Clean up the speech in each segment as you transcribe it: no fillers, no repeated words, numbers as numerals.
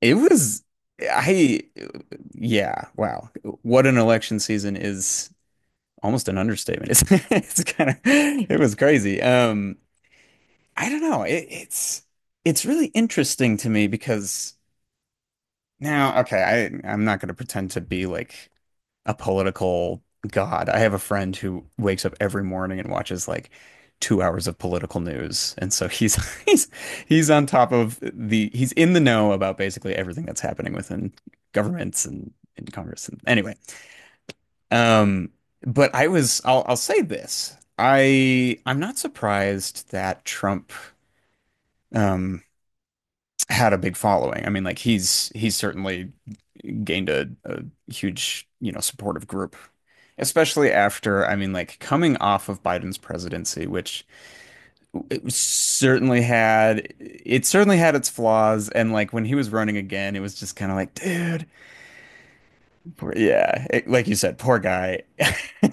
It was, I, yeah, wow. What an election season is almost an understatement. It was crazy. I don't know. It's really interesting to me because now, okay, I'm not going to pretend to be like a political god. I have a friend who wakes up every morning and watches like 2 hours of political news. And so he's he's he's on top of the he's in the know about basically everything that's happening within governments and in Congress. And anyway, um, but I'll say this. I'm not surprised that Trump um had a big following. I mean, like he's certainly gained a huge, you know, supportive group. Especially after, I mean, like coming off of Biden's presidency, which it certainly had its flaws. And like when he was running again, it was just kind of like, dude, yeah, like you said, poor guy.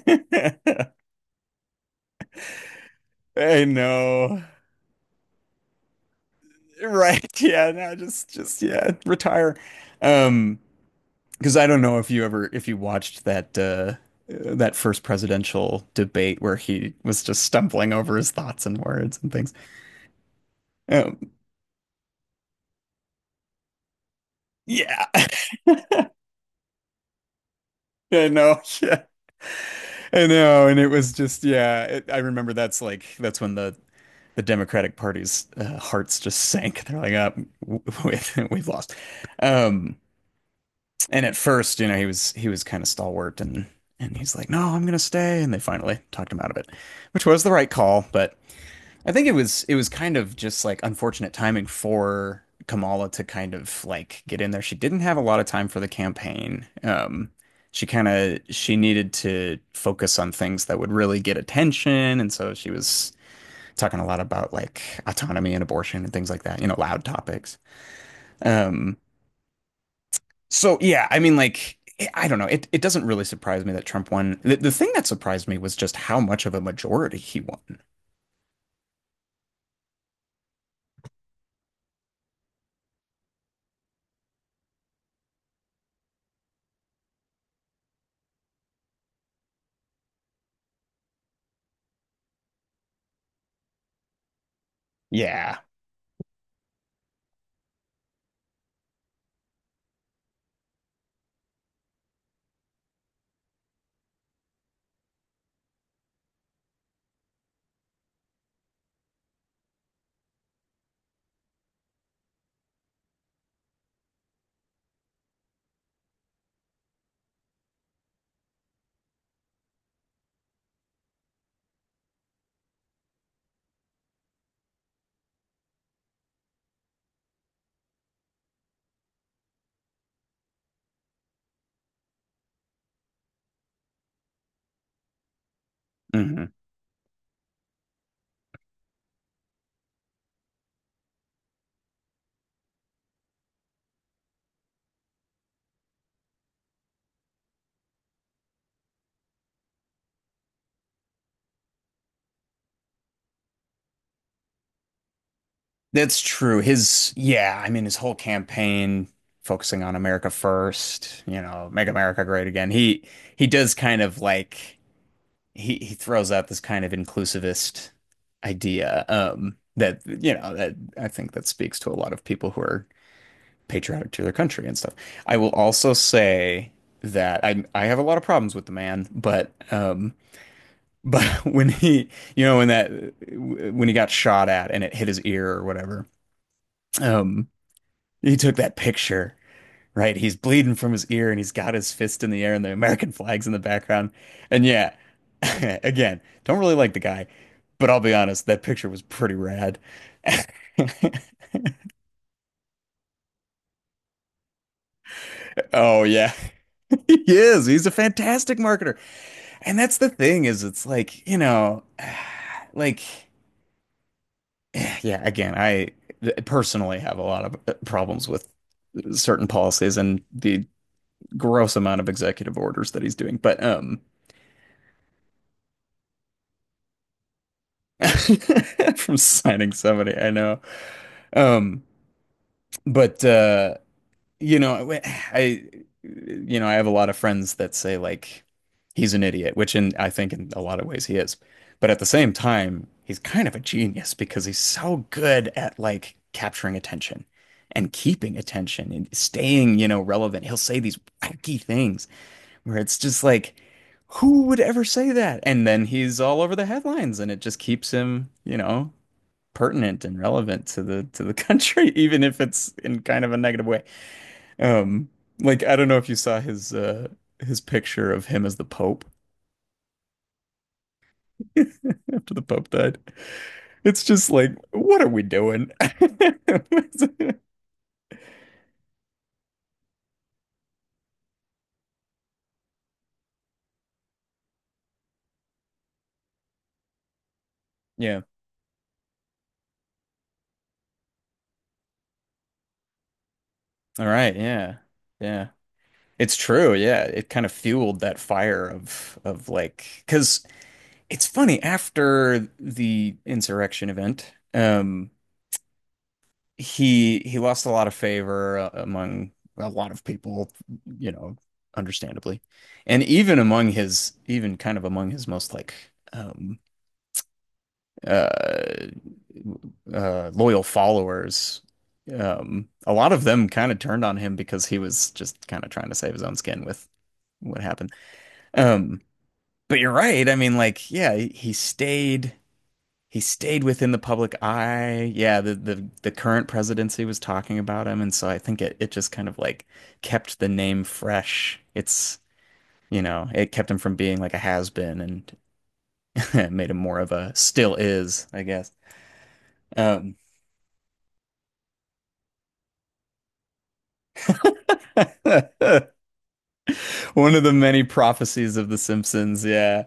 I know. Right. Yeah. No, just, yeah, retire. Um, Because I don't know if you watched that that first presidential debate where he was just stumbling over his thoughts and words and things. Um, yeah, I know, yeah, I know, and it was just yeah. I remember that's when the Democratic Party's hearts just sank. They're like, up, we've we've lost. Um, and at first, you know, he was kind of stalwart and he's like, no, I'm gonna stay. And they finally talked him out of it, which was the right call, but I think it was kind of just like unfortunate timing for Kamala to kind of like get in there. She didn't have a lot of time for the campaign. She kind of She needed to focus on things that would really get attention, and so she was talking a lot about like autonomy and abortion and things like that, you know, loud topics. Um, so yeah, I mean like I don't know. It doesn't really surprise me that Trump won. The thing that surprised me was just how much of a majority he won. Yeah. Mhm. That's true. Yeah, I mean, his whole campaign focusing on America first, you know, make America great again. He does kind of like he throws out this kind of inclusivist idea that you know that I think that speaks to a lot of people who are patriotic to their country and stuff. I will also say that I have a lot of problems with the man, but but when he you know when that when he got shot at and it hit his ear or whatever. Um he took that picture, right? He's bleeding from his ear and he's got his fist in the air and the American flag's in the background. And yeah, again, don't really like the guy, but I'll be honest, that picture was pretty rad. Oh yeah. He is. He's a fantastic marketer. And that's the thing is it's like, you know, like yeah, again, I personally have a lot of problems with certain policies and the gross amount of executive orders that he's doing. But from signing somebody I know. Um, but you know, you know, I have a lot of friends that say like he's an idiot, which in I think in a lot of ways he is. But at the same time, he's kind of a genius because he's so good at like capturing attention and keeping attention and staying, you know, relevant. He'll say these wacky things where it's just like, who would ever say that? And then he's all over the headlines and it just keeps him, you know, pertinent and relevant to the country, even if it's in kind of a negative way. Um, like I don't know if you saw his his picture of him as the Pope after the Pope died. It's just like, what are we doing? Yeah. All right. Yeah. Yeah. It's true. Yeah. It kind of fueled that fire of like because it's funny after the insurrection event. He lost a lot of favor among a lot of people, you know, understandably, and even kind of among his most like um, uh, loyal followers. A lot of them kind of turned on him because he was just kind of trying to save his own skin with what happened. Um, but you're right. I mean, like, yeah, he stayed within the public eye. Yeah, the current presidency was talking about him, and so I think it just kind of like kept the name fresh. It's, you know, it kept him from being like a has been and made him more of a still is, I guess. Um, One of the many prophecies of The Simpsons. Yeah,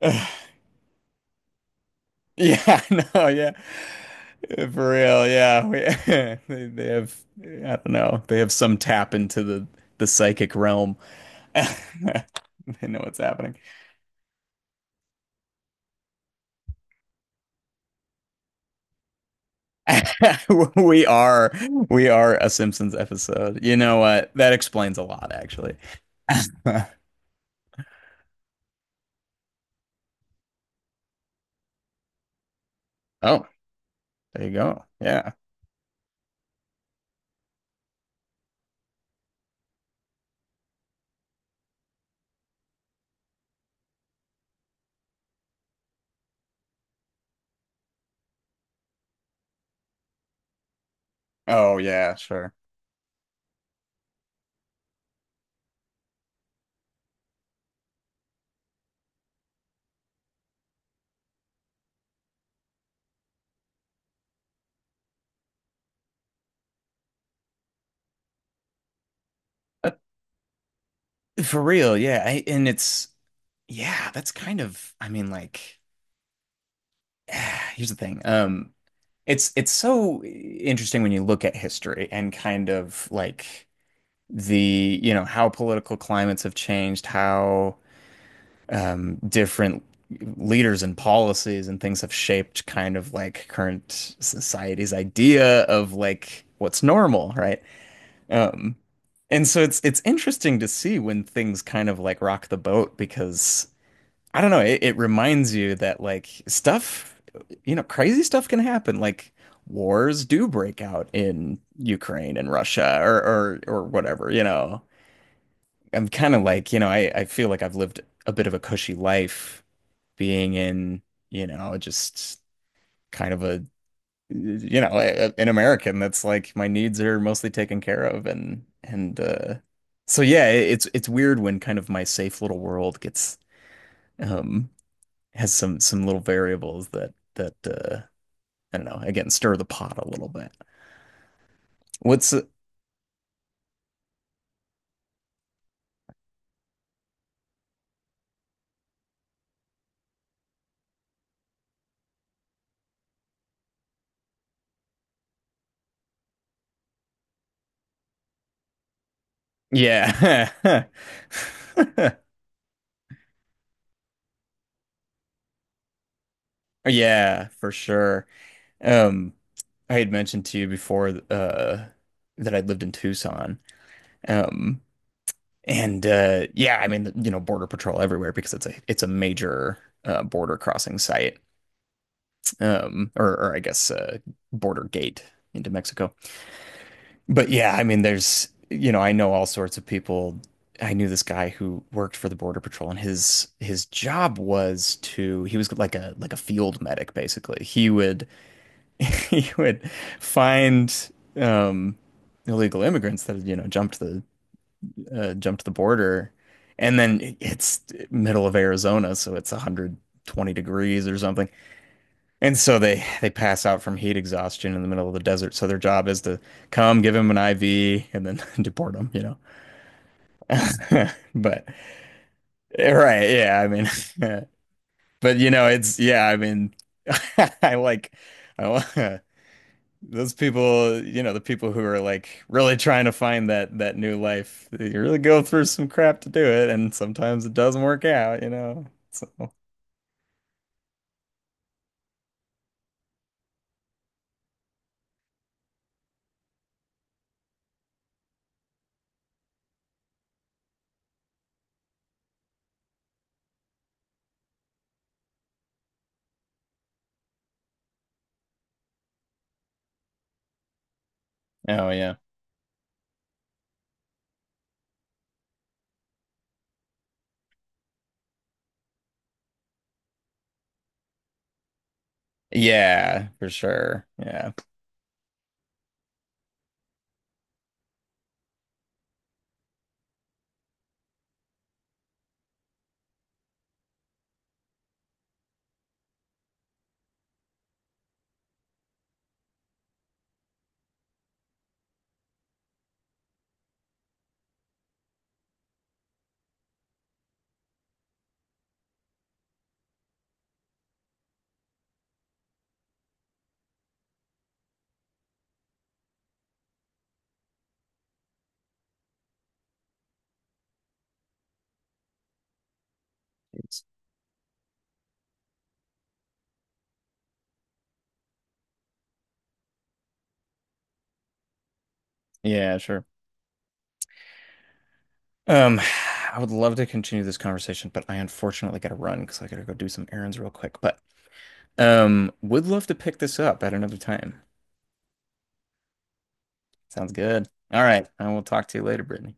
yeah, no, yeah. For real, yeah. They, they have, I don't know, they have some tap into the psychic realm. They know what's happening. We are we are a Simpsons episode. You know what? That explains a lot, actually. Oh, there you go. Yeah. Oh, yeah, sure. Uh, for real, yeah. And it's yeah, that's kind of I mean, like, here's the thing. It's so interesting when you look at history and kind of like you know, how political climates have changed, how different leaders and policies and things have shaped kind of like current society's idea of like what's normal, right? Um, and so it's interesting to see when things kind of like rock the boat because I don't know, it reminds you that like stuff, you know, crazy stuff can happen. Like wars do break out in Ukraine and Russia or whatever, you know. I'm kind of like, you know, I feel like I've lived a bit of a cushy life being in, you know, just kind of a, you know, a, an American that's like my needs are mostly taken care of and so yeah, it's weird when kind of my safe little world gets um has some little variables that I don't know, again, stir the pot a little bit. What's Yeah. Yeah, for sure. Um I had mentioned to you before that I'd lived in Tucson. Um, And yeah, I mean, you know, border patrol everywhere because it's a major border crossing site, or I guess border gate into Mexico. But yeah, I mean, there's you know, I know all sorts of people. I knew this guy who worked for the border patrol, and his job was to he was like a field medic basically. He would he would find um, illegal immigrants that had, you know, jumped the border, and then it's middle of Arizona, so it's 120 degrees or something. And so they pass out from heat exhaustion in the middle of the desert. So their job is to come, give him an IV, and then deport him, you know. But right, yeah, I mean, but you know, it's yeah, I mean, I like I, those people, you know, the people who are like really trying to find that new life, you really go through some crap to do it, and sometimes it doesn't work out, you know. So, oh yeah. Yeah, for sure. Yeah. It's- Yeah, sure. Um, I would love to continue this conversation, but I unfortunately gotta run because I gotta go do some errands real quick. But would love to pick this up at another time. Sounds good. All right, I will talk to you later, Brittany.